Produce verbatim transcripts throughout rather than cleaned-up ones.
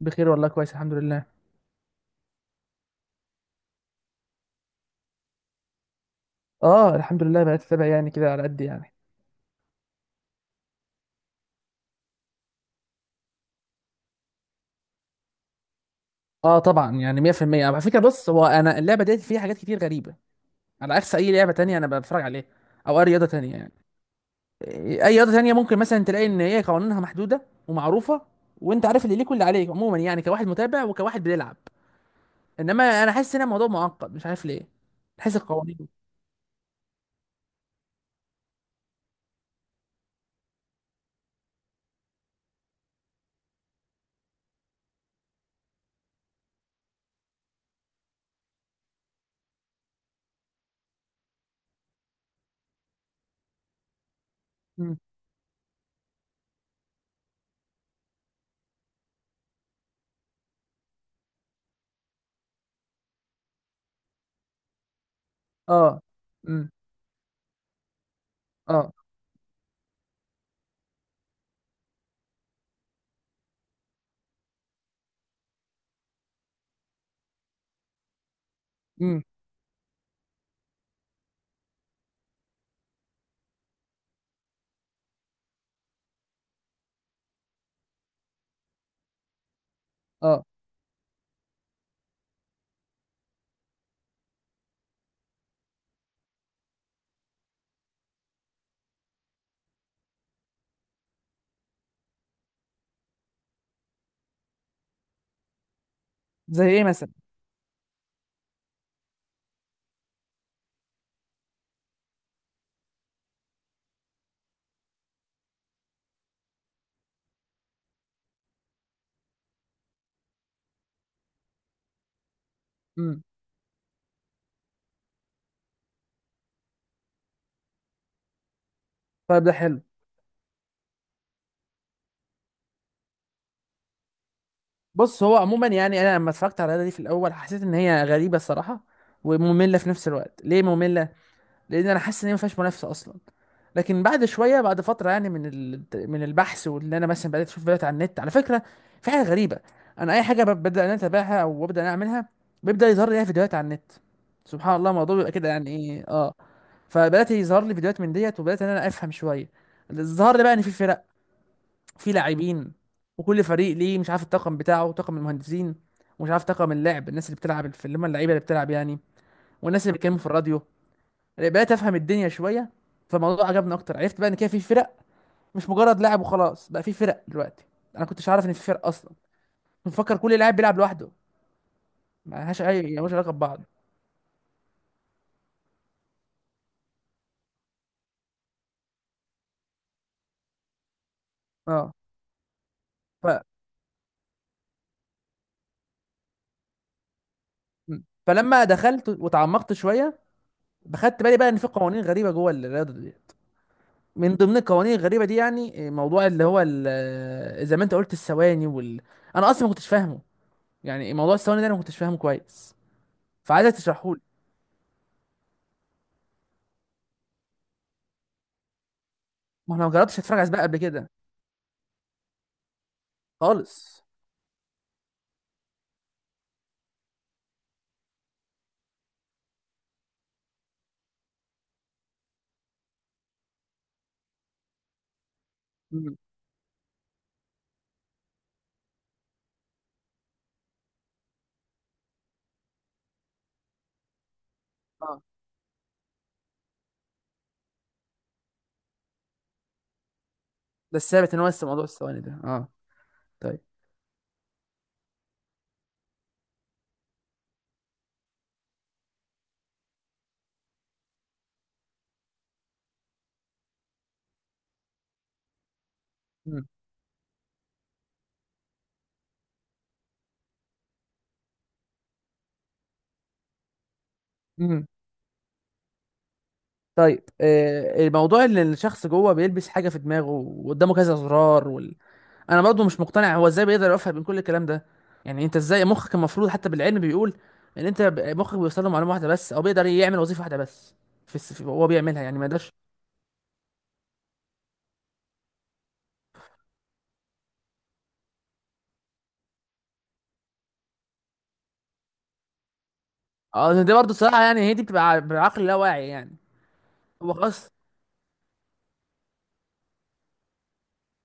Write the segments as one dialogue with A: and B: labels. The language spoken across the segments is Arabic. A: بخير والله، كويس الحمد لله. اه الحمد لله بقيت اتابع، يعني كده على قد يعني. اه طبعا يعني مية في المية على فكره. بص، هو انا اللعبه ديت فيها حاجات كتير غريبه، على عكس اي لعبه تانية انا بتفرج عليها، او اي رياضه تانية يعني. اي رياضه تانية ممكن مثلا تلاقي ان هي قوانينها محدوده ومعروفه، وانت عارف اللي ليك واللي عليك عموما، يعني كواحد متابع وكواحد بيلعب. انما انا حاسس ان الموضوع معقد، مش عارف ليه. حاسس القوانين. امم. اه. امم. اه. امم. اه. زي ايه مثلا؟ امم. طيب ده حلو. بص، هو عموما يعني انا لما اتفرجت على اللعبه دي في الاول، حسيت ان هي غريبه الصراحه، وممله في نفس الوقت. ليه ممله؟ لان انا حاسس ان هي ما فيهاش منافسه اصلا. لكن بعد شويه، بعد فتره يعني، من ال... من البحث، واللي انا مثلا بدات اشوف فيديوهات على النت. على فكره، في حاجه غريبه. انا اي حاجه بب- ببدا ان انا اتابعها او ببدا ان انا اعملها، بيبدا يظهر لي فيديوهات على النت. سبحان الله الموضوع بيبقى كده، يعني ايه؟ اه. فبدات يظهر لي فيديوهات من ديت، وبدات ان انا افهم شويه. ظهر لي بقى ان في فرق، في لاعبين، وكل فريق ليه مش عارف الطاقم بتاعه، طاقم المهندسين، ومش عارف طاقم اللعب، الناس اللي بتلعب، في اللي هم اللعيبه اللي بتلعب يعني، والناس اللي بيتكلموا في الراديو. بقيت افهم الدنيا شويه، فالموضوع عجبني اكتر. عرفت بقى ان كده في فرق، مش مجرد لاعب وخلاص. بقى في فرق دلوقتي. انا كنتش عارف ان في فرق اصلا. كنت مفكر كل لاعب بيلعب لوحده، ما لهاش اي ملهاش علاقه ببعض. اه. ف. م. فلما دخلت وتعمقت شويه، بخدت بالي بقى ان في قوانين غريبه جوه الرياضه دي. من ضمن القوانين الغريبه دي، يعني آه، موضوع اللي هو ال- آه، زي ما انت قلت الثواني وال... انا اصلا ما كنتش فاهمه. يعني موضوع الثواني ده انا ما كنتش فاهمه كويس، فعايزك تشرحه لي. ما انا ما جربتش اتفرج على سباق قبل كده خالص. مم. اه بس ثابت ان هو لسه موضوع الثواني ده اه. طيب. مم. مم. طيب آه الموضوع اللي الشخص جوه بيلبس حاجه في دماغه وقدامه كذا زرار، انا برضو مش مقتنع هو ازاي بيقدر يوفق بين كل الكلام ده. يعني انت ازاي مخك؟ المفروض حتى بالعلم بيقول ان انت ب- مخك بيوصل له معلومه واحده بس، او بيقدر يعمل وظيفه واحده بس. في الس- في- هو بيعملها يعني، ما يقدرش. اه دي برضو صراحه، يعني هي دي بتبقى ع- بعقل لا واعي يعني. هو خلاص.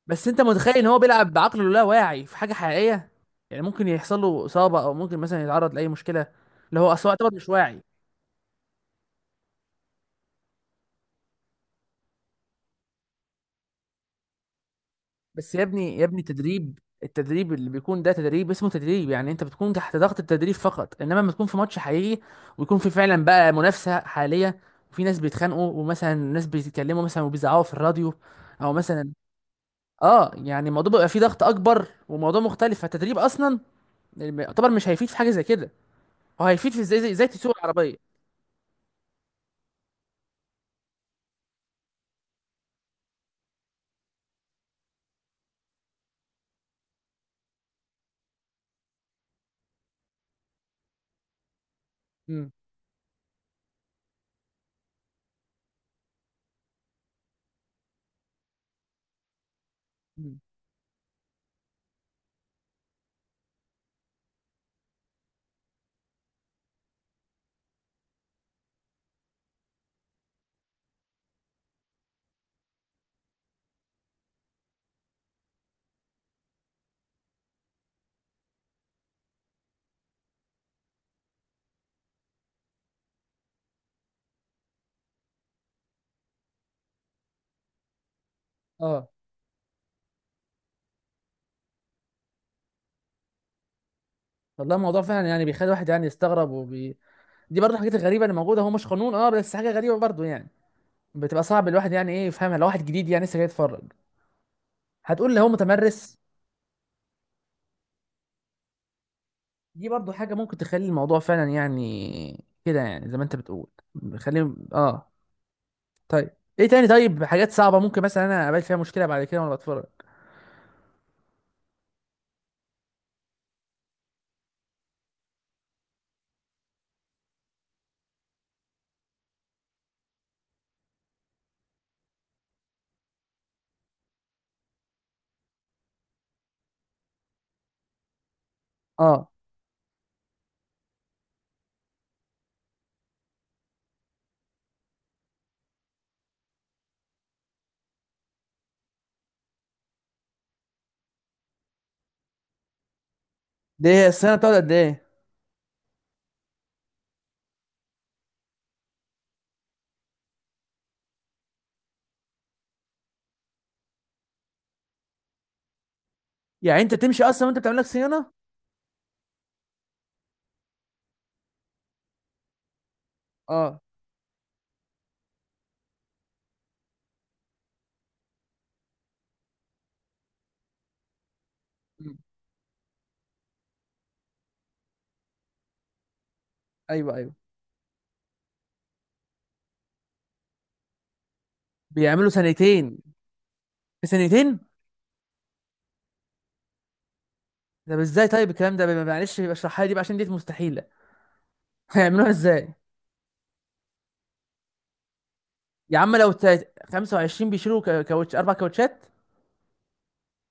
A: بس انت متخيل ان هو بيلعب بعقله اللا واعي في حاجه حقيقيه. يعني ممكن يحصل له اصابه، او ممكن مثلا يتعرض لاي مشكله، اللي هو اصل هو يعتبر مش واعي. بس يا ابني يا ابني، تدريب، التدريب اللي بيكون ده تدريب، اسمه تدريب. يعني انت بتكون تحت ضغط التدريب فقط، انما لما تكون في ماتش حقيقي ويكون في فعلا بقى منافسة حالية، وفي ناس بيتخانقوا، ومثلا ناس بيتكلموا مثلا وبيزعقوا في الراديو، او مثلا اه، يعني الموضوع بيبقى فيه ضغط اكبر وموضوع مختلف. فالتدريب اصلا يعتبر مش هيفيد في حاجة زي كده. هو هيفيد في ازاي ازاي إزاي تسوق العربية. امم. أمم. اه والله الموضوع فعلا يعني بيخلي الواحد يعني يستغرب، وبي... دي برضه الحاجات الغريبة اللي موجودة. هو مش قانون اه، بس حاجة غريبة برضه يعني، بتبقى صعب الواحد يعني ايه يفهمها، لو واحد جديد يعني لسه جاي يتفرج. هتقول لي هو متمرس. دي برضو حاجة ممكن تخلي الموضوع فعلا يعني كده، يعني زي ما انت بتقول. خليه اه. طيب. ايه تاني؟ طيب حاجات صعبة ممكن مثلا انا اقابل فيها مشكلة بعد كده وانا بتفرج. اه. دي هي الصيانة بتقعد قد ايه؟ يعني انت تمشي اصلا وانت بتعمل لك صيانة؟ اه. مم. ايوه ايوه. بيعملوا سنتين؟ في سنتين؟ طب ازاي؟ طيب الكلام ده بيبقى- معلش، يبقى اشرحها لي دي بقى، عشان دي مستحيلة. هيعملوها ازاي؟ يا عم لو تا- خمسة وعشرين بيشيلوا كا- كاوتش، اربع كاوتشات؟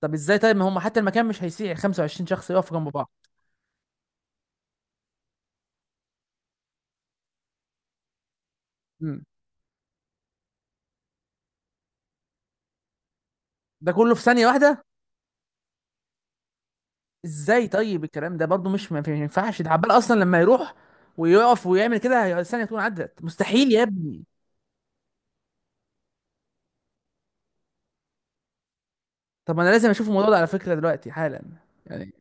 A: طب ازاي؟ طيب ما هم حتى المكان مش هيسيع خمسة وعشرين شخص يقفوا جنب بعض. امم. ده كله في ثانية واحدة؟ ازاي؟ طيب الكلام ده برضو مش، ما في- ما ينفعش. ده عبال اصلا لما يروح ويقف ويعمل كده هي- الثانية تكون عدت. مستحيل يا ابني. طب ما انا لازم اشوف الموضوع ده على فكرة دلوقتي حالا. يعني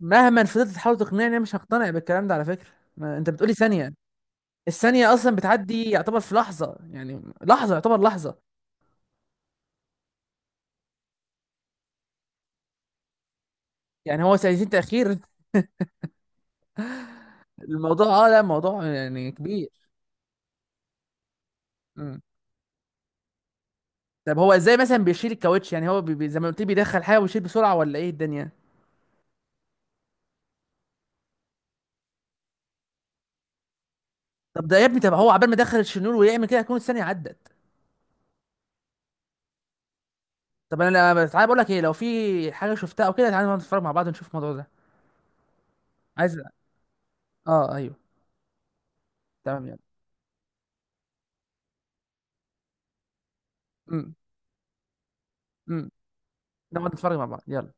A: مهما فضلت تحاول تقنعني انا مش هقتنع بالكلام ده على فكرة. ما انت بتقولي ثانية! الثانية اصلا بتعدي يعتبر في لحظة، يعني لحظة يعتبر لحظة. يعني هو ثانيتين تأخير؟ الموضوع اه، لا موضوع يعني كبير. طب هو ازاي مثلا بيشيل الكاوتش؟ يعني هو بي بي- زي ما قلت لي بيدخل حاجه ويشيل بسرعه، ولا ايه الدنيا؟ طب ده يا ابني، طب هو عبال ما دخل الشنور ويعمل كده هتكون الثانيه عدت. طب انا، لا- تعالى بقول لك ايه، لو في حاجه شفتها او كده تعالى نقعد نتفرج مع بعض ونشوف الموضوع ده. عايز. اه ايوه. تمام يلا. امم. امم. نقعد نتفرج مع بعض، يلا.